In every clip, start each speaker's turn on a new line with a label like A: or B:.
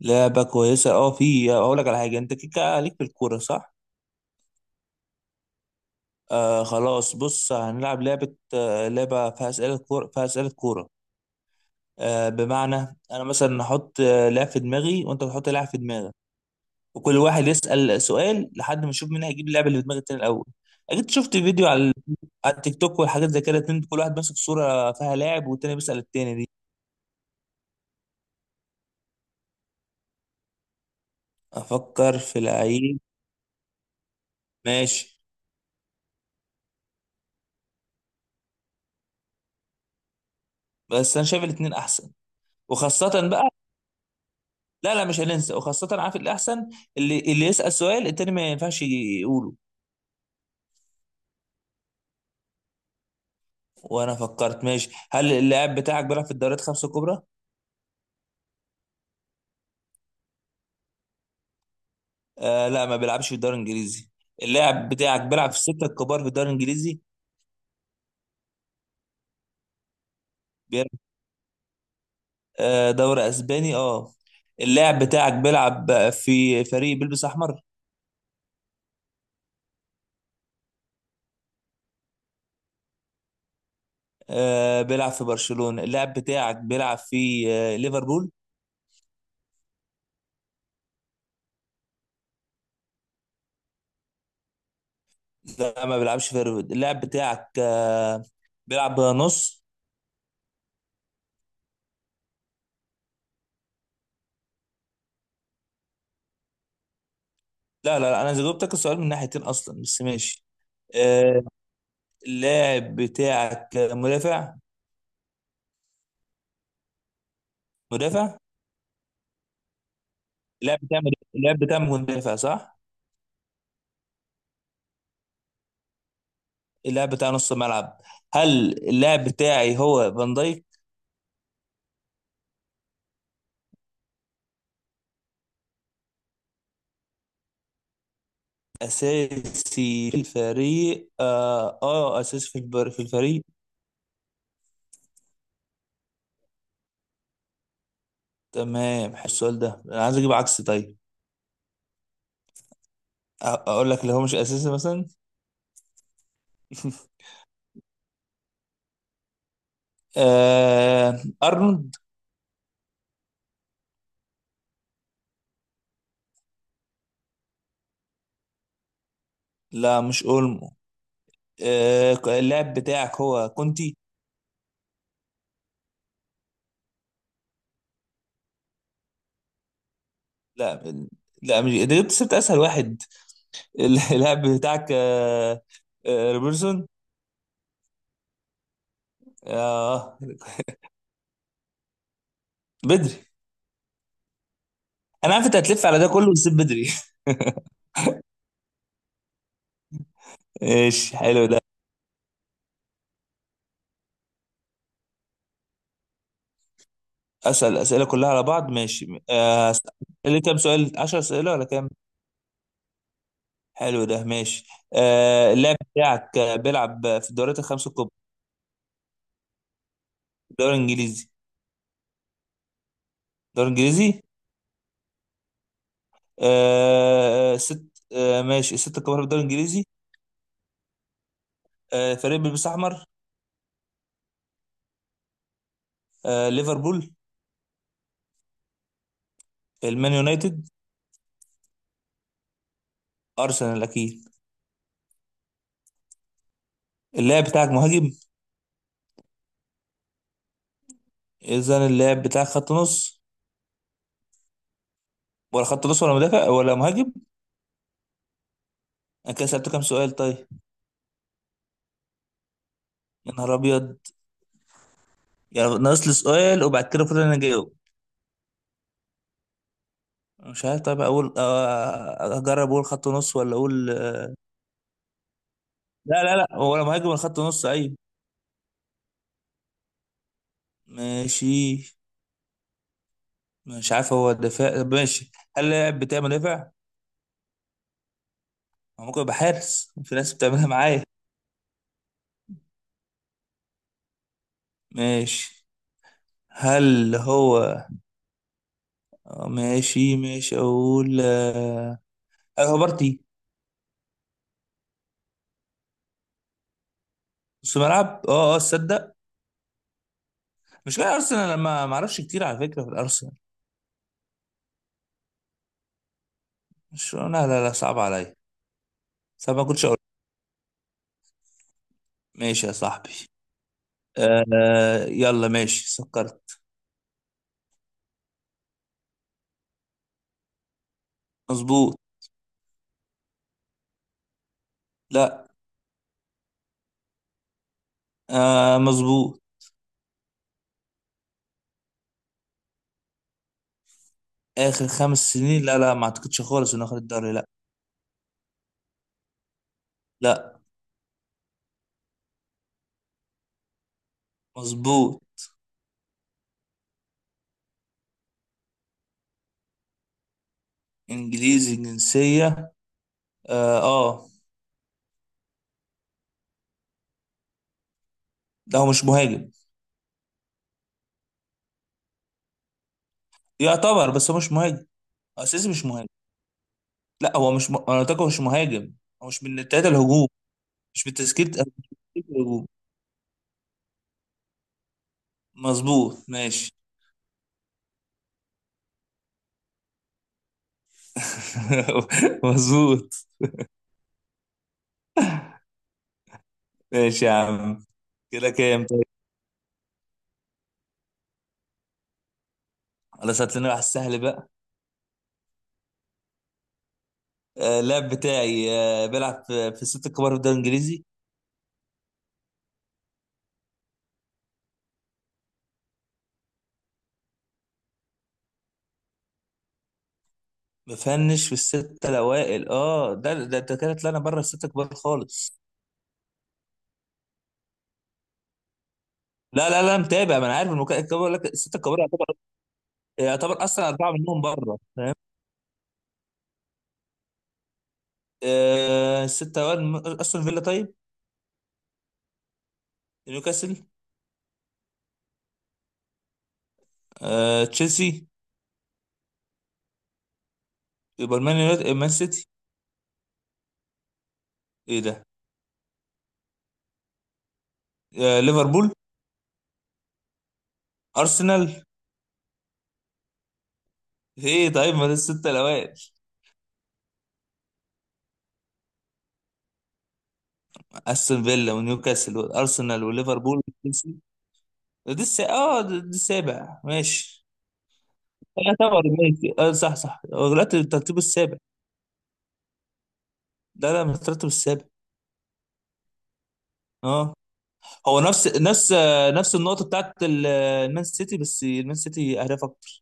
A: لعبة كويسة في اقول لك على حاجة. انت كيكة ليك في الكورة صح؟ خلاص بص هنلعب لعبة فيها أسئلة كورة. بمعنى أنا مثلا هحط لاعب في دماغي وأنت تحط لاعب في دماغك، وكل واحد يسأل سؤال لحد ما نشوف مين هيجيب اللعبة اللي في دماغ التاني الأول. أكيد شفت فيديو على التيك توك والحاجات زي كده. اتنين كل واحد ماسك صورة فيها لاعب والتاني بيسأل التاني دي. أفكر في لعيب. ماشي. بس أنا شايف الاتنين أحسن، وخاصة بقى. لا، لا، مش هننسى. وخاصة عارف الأحسن، اللي يسأل سؤال التاني ما ينفعش يقوله. وأنا فكرت ماشي. هل اللاعب بتاعك بيلعب في الدوريات خمسة الكبرى؟ لا، ما بيلعبش في الدوري الإنجليزي. اللاعب بتاعك بيلعب في الستة الكبار في الدوري الإنجليزي. بيلعب دوري أسباني اللاعب بتاعك بيلعب في فريق بيلبس أحمر. بيلعب في برشلونة. اللاعب بتاعك بيلعب في ليفربول. لا، ما بيلعبش في ليفربول. اللاعب بتاعك بيلعب نص. لا، لا، لا، انا جاوبتك السؤال من ناحيتين اصلا بس ماشي. آه اللاعب بتاعك مدافع. مدافع. اللاعب بتاع اللاعب بتاع مدافع صح. اللاعب بتاع نص ملعب. هل اللاعب بتاعي هو فان دايك؟ اساسي في الفريق اه، اساسي في في الفريق. تمام. حلو السؤال ده، انا عايز اجيب عكس طيب. اقول لك اللي هو مش اساسي مثلا. ارنولد. لا، مش اولمو. اللاعب بتاعك هو كونتي. لا، لا، مش انت جبت سبت اسهل واحد. اللاعب بتاعك روبرتسون. اه، بدري. انا عارف انت هتلف على ده كله وتسيب بدري. ماشي، حلو ده. اسال الاسئله كلها على بعض ماشي. اللي كام سؤال، 10 اسئله ولا كام؟ حلو ده، ماشي. اللاعب بتاعك بيلعب في الدوريات الخمس الكبرى. الدوري الانجليزي. الدوري الانجليزي. آه، آه، ست آه، ماشي. الست الكبار في الدوري الانجليزي. فريق بيلبس احمر. ليفربول. المان يونايتد. ارسنال اكيد. اللاعب بتاعك مهاجم؟ اذا اللاعب بتاعك خط نص. ولا خط نص ولا مدافع ولا مهاجم. انا كده سالته كام سؤال طيب؟ يا نهار ابيض. يعني ناقص لي سؤال وبعد كده المفروض انا اجاوب. مش عارف. طيب اقول اجرب اقول خط نص ولا اقول. لا، لا، لا، هو ولا مهاجم ولا خط نص، ايوه. ماشي. مش عارف هو دفاع، طب ماشي. هل اللاعب بتاعي مدافع؟ هو ممكن يبقى حارس، في ناس بتعملها معايا. ماشي. هل هو ماشي ماشي. اقول هل هو بارتي؟ نص ملعب اه اه، تصدق؟ مش كده ارسنال لما ما ما اعرفش كتير على فكره في الارسنال. مش، لا، لا، لا، صعب عليا. صعب ما كنتش اقول. ماشي يا صاحبي. يلا ماشي سكرت. مظبوط. لا. مظبوط. اخر خمس سنين؟ لا، لا، ما اعتقدش خالص انه اخد الدوري، لا. لا، مظبوط. انجليزي جنسيه. اه. لا، هو مش مهاجم. يعتبر، بس هو مش مهاجم. اساسي مش مهاجم. لا، هو مش انا قلت لك هو مش مهاجم. هو مش من التلاته الهجوم. مش من تشكيلة الهجوم. مظبوط، ماشي. مظبوط. ماشي يا عم. كده كام طيب؟ خلاص، هات لنا واحد سهل بقى. اللاعب بتاعي بيلعب في الست الكبار في الدوري الانجليزي. مفنش في الستة الاوائل اه، ده انت كده طلعنا بره الستة الكبار خالص. لا، لا، لا، متابع. ما انا عارف بقول لك الستة الكبار يعتبر. يعتبر اصلا اربعة منهم بره فاهم. الستة الاوائل استون فيلا طيب. نيوكاسل. تشيلسي. يبقى مان سيتي. ايه ده؟ ليفربول. ارسنال. ايه طيب، ما دي الستة الاوائل. استون فيلا ونيوكاسل وارسنال وليفربول وتشيلسي. دي اه، دي السابع ماشي. يعتبر ماشي، اه، صح صح، غلطت الترتيب السابع. لا، لا، مش الترتيب السابع. اه، هو نفس النقطة بتاعت المان سيتي، بس المان سيتي اهداف اكتر.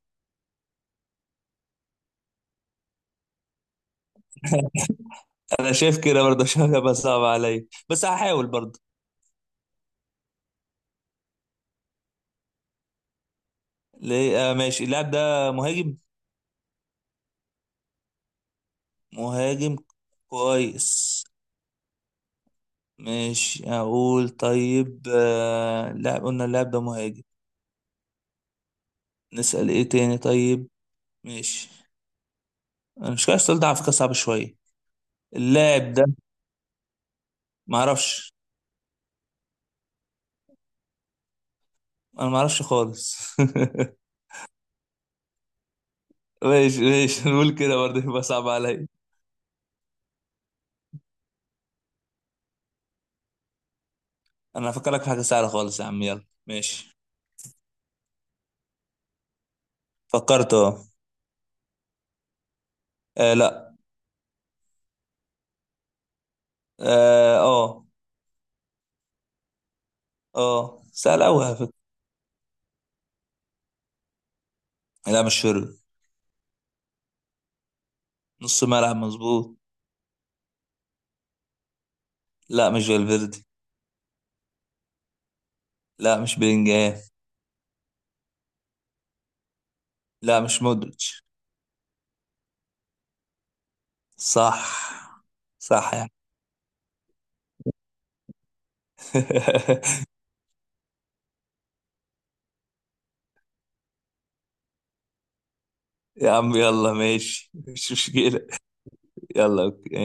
A: انا شايف كده برضه، عشان هيبقى صعب عليا بس هحاول برضه. ليه؟ ماشي. اللاعب ده مهاجم. مهاجم. كويس. ماشي اقول طيب لا، قلنا اللاعب ده مهاجم. نسأل ايه تاني طيب؟ ماشي. انا مش عارف السؤال ده على فكرة صعب شوية. اللاعب ده، معرفش انا معرفش خالص. ماشي ماشي نقول كده برضه يبقى صعب عليا. انا هفكرك في حاجة سهلة خالص يا عم، يلا ماشي. فكرت اه. لا. اه اه. سهل قوي على فكرة. لا، مش شرب. نص ملعب مظبوط. لا، مش فالفيردي. لا، مش بلينجهام. لا، مش مودريتش. صح. صح يعني. يا عم يلا ماشي مش مشكلة. يلا اوكي.